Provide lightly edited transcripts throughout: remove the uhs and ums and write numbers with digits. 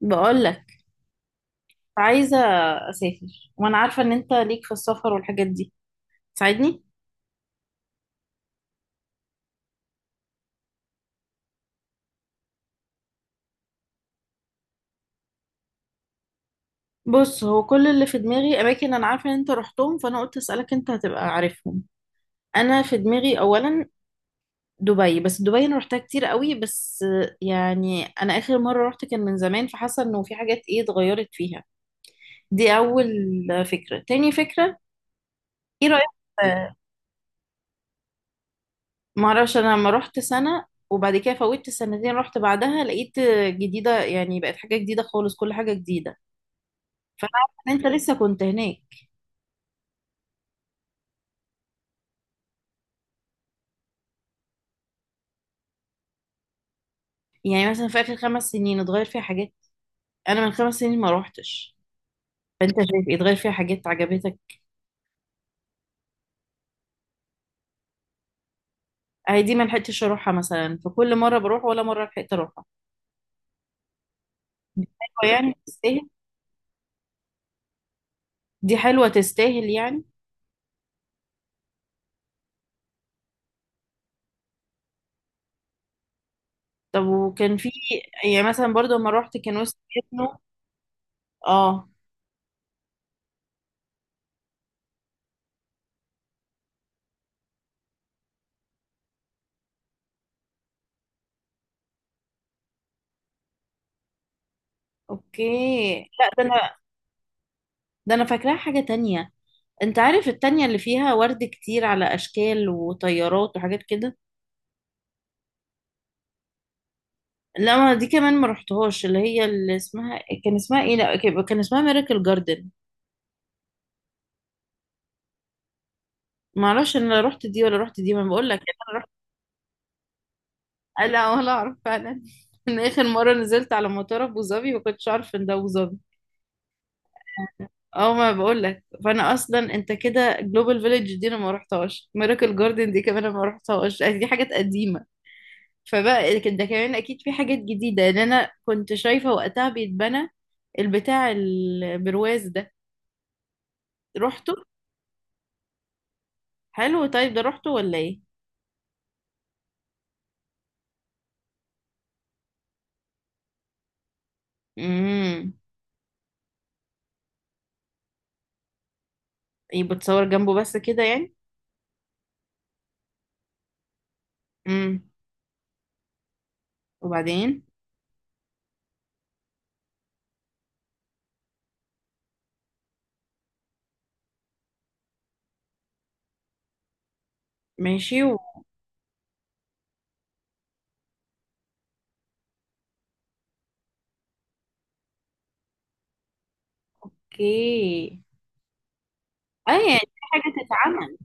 بقول لك، عايزة أسافر وأنا عارفة إن أنت ليك في السفر والحاجات دي. تساعدني. بص، هو كل اللي في دماغي أماكن أنا عارفة إن أنت رحتهم، فأنا قلت أسألك. أنت هتبقى عارفهم. أنا في دماغي أولا دبي، بس دبي أنا رحتها كتير قوي. بس يعني أنا آخر مرة رحت كان من زمان، فحاسة إنه في حاجات إيه اتغيرت فيها. دي أول فكرة. تاني فكرة، إيه رأيك؟ آه، معرفش. أنا لما رحت سنة وبعد كده فوتت سنتين رحت بعدها لقيت جديدة، يعني بقت حاجة جديدة خالص، كل حاجة جديدة. فانا عارفه ان انت لسه كنت هناك. يعني مثلا في اخر 5 سنين اتغير فيها حاجات. انا من 5 سنين ما روحتش. فانت شايف إيه؟ اتغير فيها حاجات عجبتك؟ هي دي ما لحقتش اروحها مثلا، فكل مره بروح ولا مره لحقت اروحها. حلوة يعني؟ تستاهل؟ دي حلوه تستاهل يعني. طب وكان في، يعني مثلا برضو لما روحت كان وسط ابنه. اه. اوكي. لا، ده انا فاكراها حاجه تانية. انت عارف التانية اللي فيها ورد كتير على اشكال وطيارات وحاجات كده. لا ما دي كمان ما رحتهاش، اللي هي اللي اسمها، كان اسمها ايه؟ لا كان اسمها ميراكل جاردن. ما اعرفش انا رحت دي ولا رحت دي، ما بقول لك انا رحت. آه، لا ولا اعرف فعلا. من اخر مره نزلت على مطار ابو ظبي ما كنتش اعرف ان ده ابو ظبي. اه ما بقول لك، فانا اصلا انت كده، جلوبال فيليج دي انا ما رحتهاش، ميراكل جاردن دي كمان انا ما رحتهاش، دي حاجات قديمه. فبقى كده ده كمان اكيد في حاجات جديده لان انا كنت شايفه وقتها بيتبنى. البتاع البرواز ده رحته؟ حلو. طيب ده رحته ولا ايه؟ امم. ايه بتصور جنبه بس كده يعني؟ امم. وبعدين؟ ماشي. اوكي. اه يعني في حاجة تتعمل.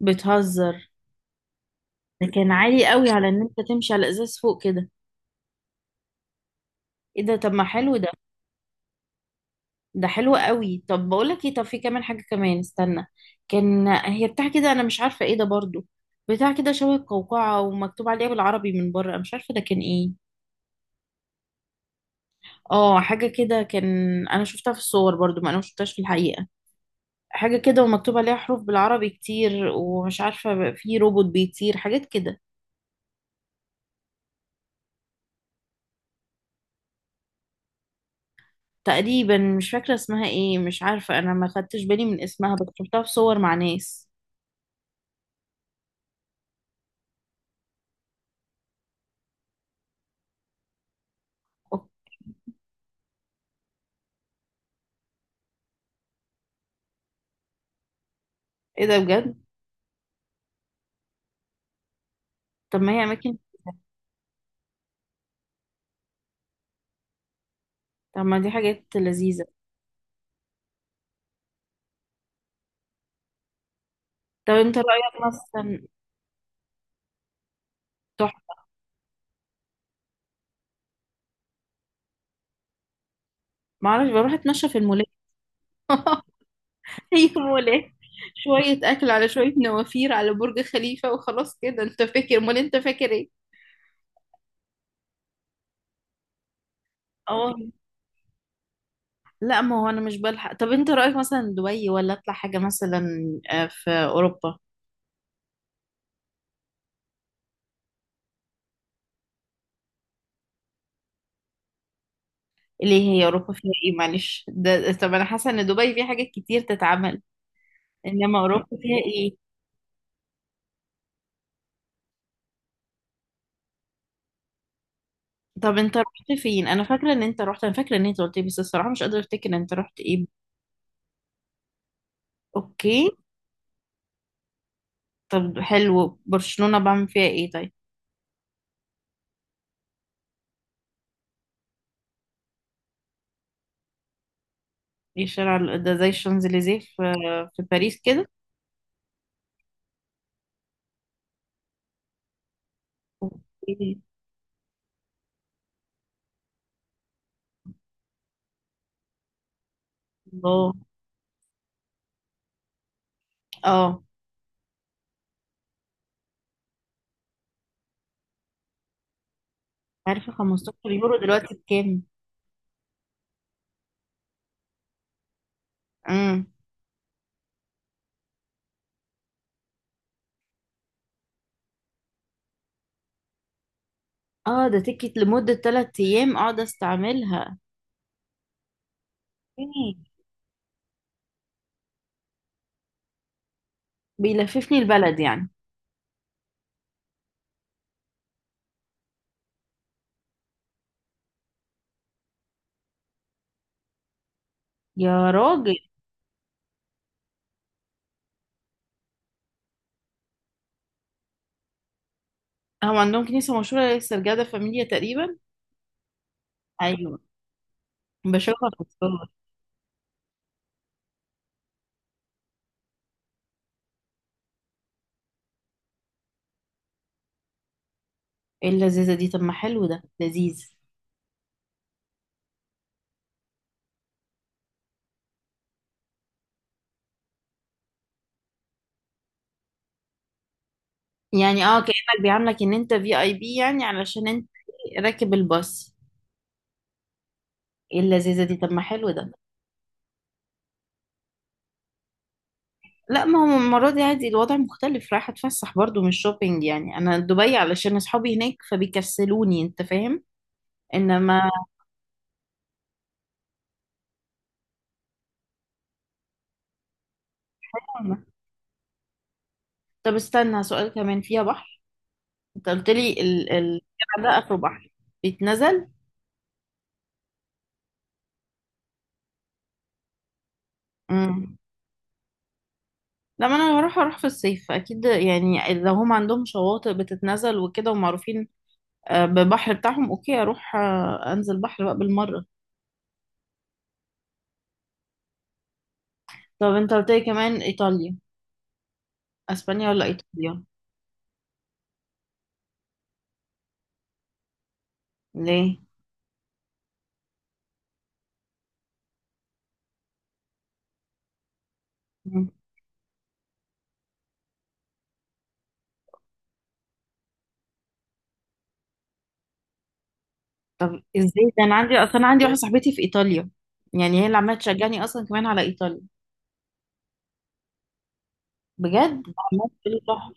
بتهزر. ده كان عالي قوي على ان انت تمشي على ازاز فوق كده. ايه ده؟ طب ما حلو ده. ده حلو قوي. طب بقول لك ايه، طب في كمان حاجة كمان، استنى. كان هي بتاع كده، انا مش عارفة ايه ده برضو، بتاع كده شبه القوقعة ومكتوب عليها بالعربي من بره، مش عارفة ده كان ايه. اه حاجة كده كان. انا شفتها في الصور برضو، ما انا مشفتهاش في الحقيقة. حاجة كده ومكتوب عليها حروف بالعربي كتير ومش عارفة. في روبوت بيطير، حاجات كده. تقريبا مش فاكرة اسمها ايه، مش عارفة، انا ما خدتش بالي من اسمها بس شفتها في صور مع ناس. أوه. ايه ده بجد؟ طب ما هي اماكن. طب ما دي حاجات لذيذة. طب انت رأيك مثلا؟ تحفة. معرفش، بروح اتمشى في المولات. هي مولات، شوية اكل على شوية نوافير على برج خليفة وخلاص كده. انت فاكر، امال انت فاكر ايه؟ اه. لا ما هو انا مش بلحق. طب انت رأيك مثلا دبي ولا اطلع حاجة مثلا في اوروبا؟ ليه؟ هي اوروبا فيها ايه؟ معلش ده، طب انا حاسة ان دبي فيها حاجات كتير تتعمل، انما اوروبا فيها ايه؟ طب انت رحت فين؟ انا فاكرة ان انت رحت، انا فاكرة ان انت قلت لي، بس الصراحة مش قادرة افتكر انت رحت ايه. اوكي. طب حلو، برشلونة بعمل فيها ايه طيب؟ ايه الشارع ده زي الشانزليزيه في باريس كده؟ اوكي. الله. اه عارفة 15 يورو دلوقتي بكام؟ امم. اه ده تيكت لمدة 3 أيام اقعد استعملها. إيه. بيلففني البلد يعني؟ يا راجل. هو عندهم كنيسة مشهورة السرجادة فاميليا تقريبا؟ أيوة. بشوفها في الصور. ايه اللذيذة دي؟ طب ما حلو ده. لذيذ. يعني اه كأنك بيعاملك ان انت في اي بي، يعني علشان انت راكب الباص. ايه اللذيذة دي؟ طب ما حلو ده. لا ما هو المرة دي عادي، الوضع مختلف، رايحة اتفسح برضو مش شوبينج. يعني انا دبي علشان اصحابي هناك فبيكسلوني، انت فاهم. انما. طب استنى، سؤال كمان، فيها بحر؟ انت قلت لي ال ال الجبل ده اخره بحر، بيتنزل؟ امم. لما انا هروح في الصيف اكيد، يعني لو هم عندهم شواطئ بتتنزل وكده ومعروفين ببحر بتاعهم، اوكي اروح، انزل بحر بقى بالمره. طب انت قلت لي كمان ايطاليا، اسبانيا ولا ايطاليا؟ ليه؟ مم. ازاي ده؟ انا عندي اصلا انا عندي واحده صاحبتي في ايطاليا، يعني هي اللي عماله تشجعني اصلا كمان على ايطاليا. بجد؟ عماله تقول لي تحفة.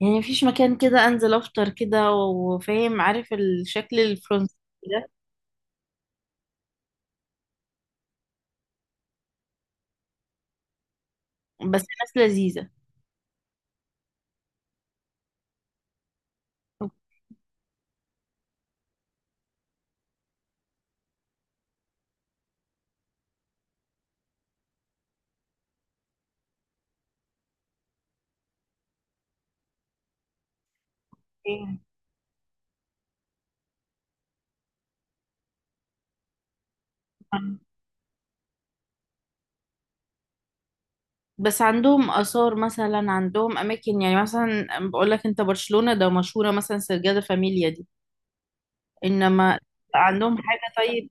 يعني مفيش مكان كده انزل افطر كده وفاهم، عارف الشكل الفرنسي ده؟ بس ناس لذيذة. اوكي. بس عندهم آثار مثلا، عندهم أماكن، يعني مثلا بقول لك، أنت برشلونة ده مشهورة مثلا سرجادة فاميليا دي، إنما عندهم حاجة طيب؟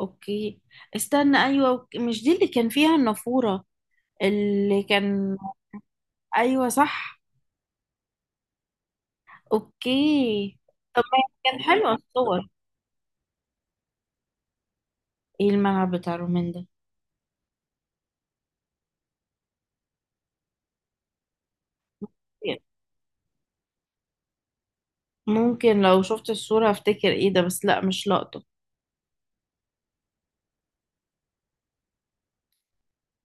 أوكي، استنى. أيوة، أوكي. مش دي اللي كان فيها النافورة اللي كان؟ أيوة صح. أوكي. طب ما كان حلو الصور. إيه الملعب بتاع رومين ده؟ ممكن لو شفت الصورة افتكر، ايه ده؟ بس لا مش لقطة.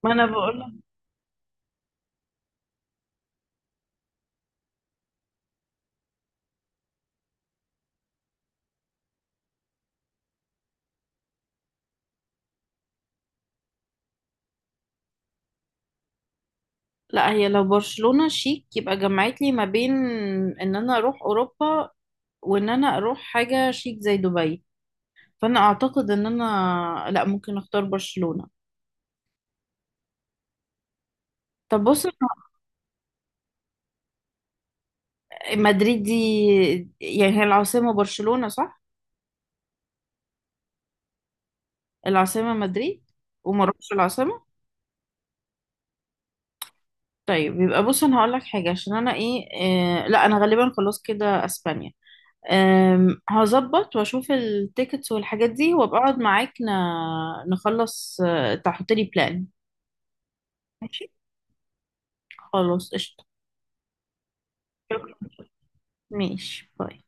ما انا بقول لك. لا هي لو برشلونة شيك يبقى جمعت لي ما بين ان انا اروح اوروبا وان انا اروح حاجة شيك زي دبي، فانا اعتقد ان انا لا ممكن اختار برشلونة. طب بص، مدريد دي يعني هي العاصمة، برشلونة صح؟ العاصمة مدريد؟ وما اروحش العاصمة؟ طيب، يبقى بص انا هقول لك حاجة عشان انا ايه, لا انا غالبا خلاص كده اسبانيا. هظبط واشوف التيكتس والحاجات دي وابقى اقعد معاك نخلص، تحط لي بلان. ماشي. خلاص قشطة. شكرا. ماشي باي.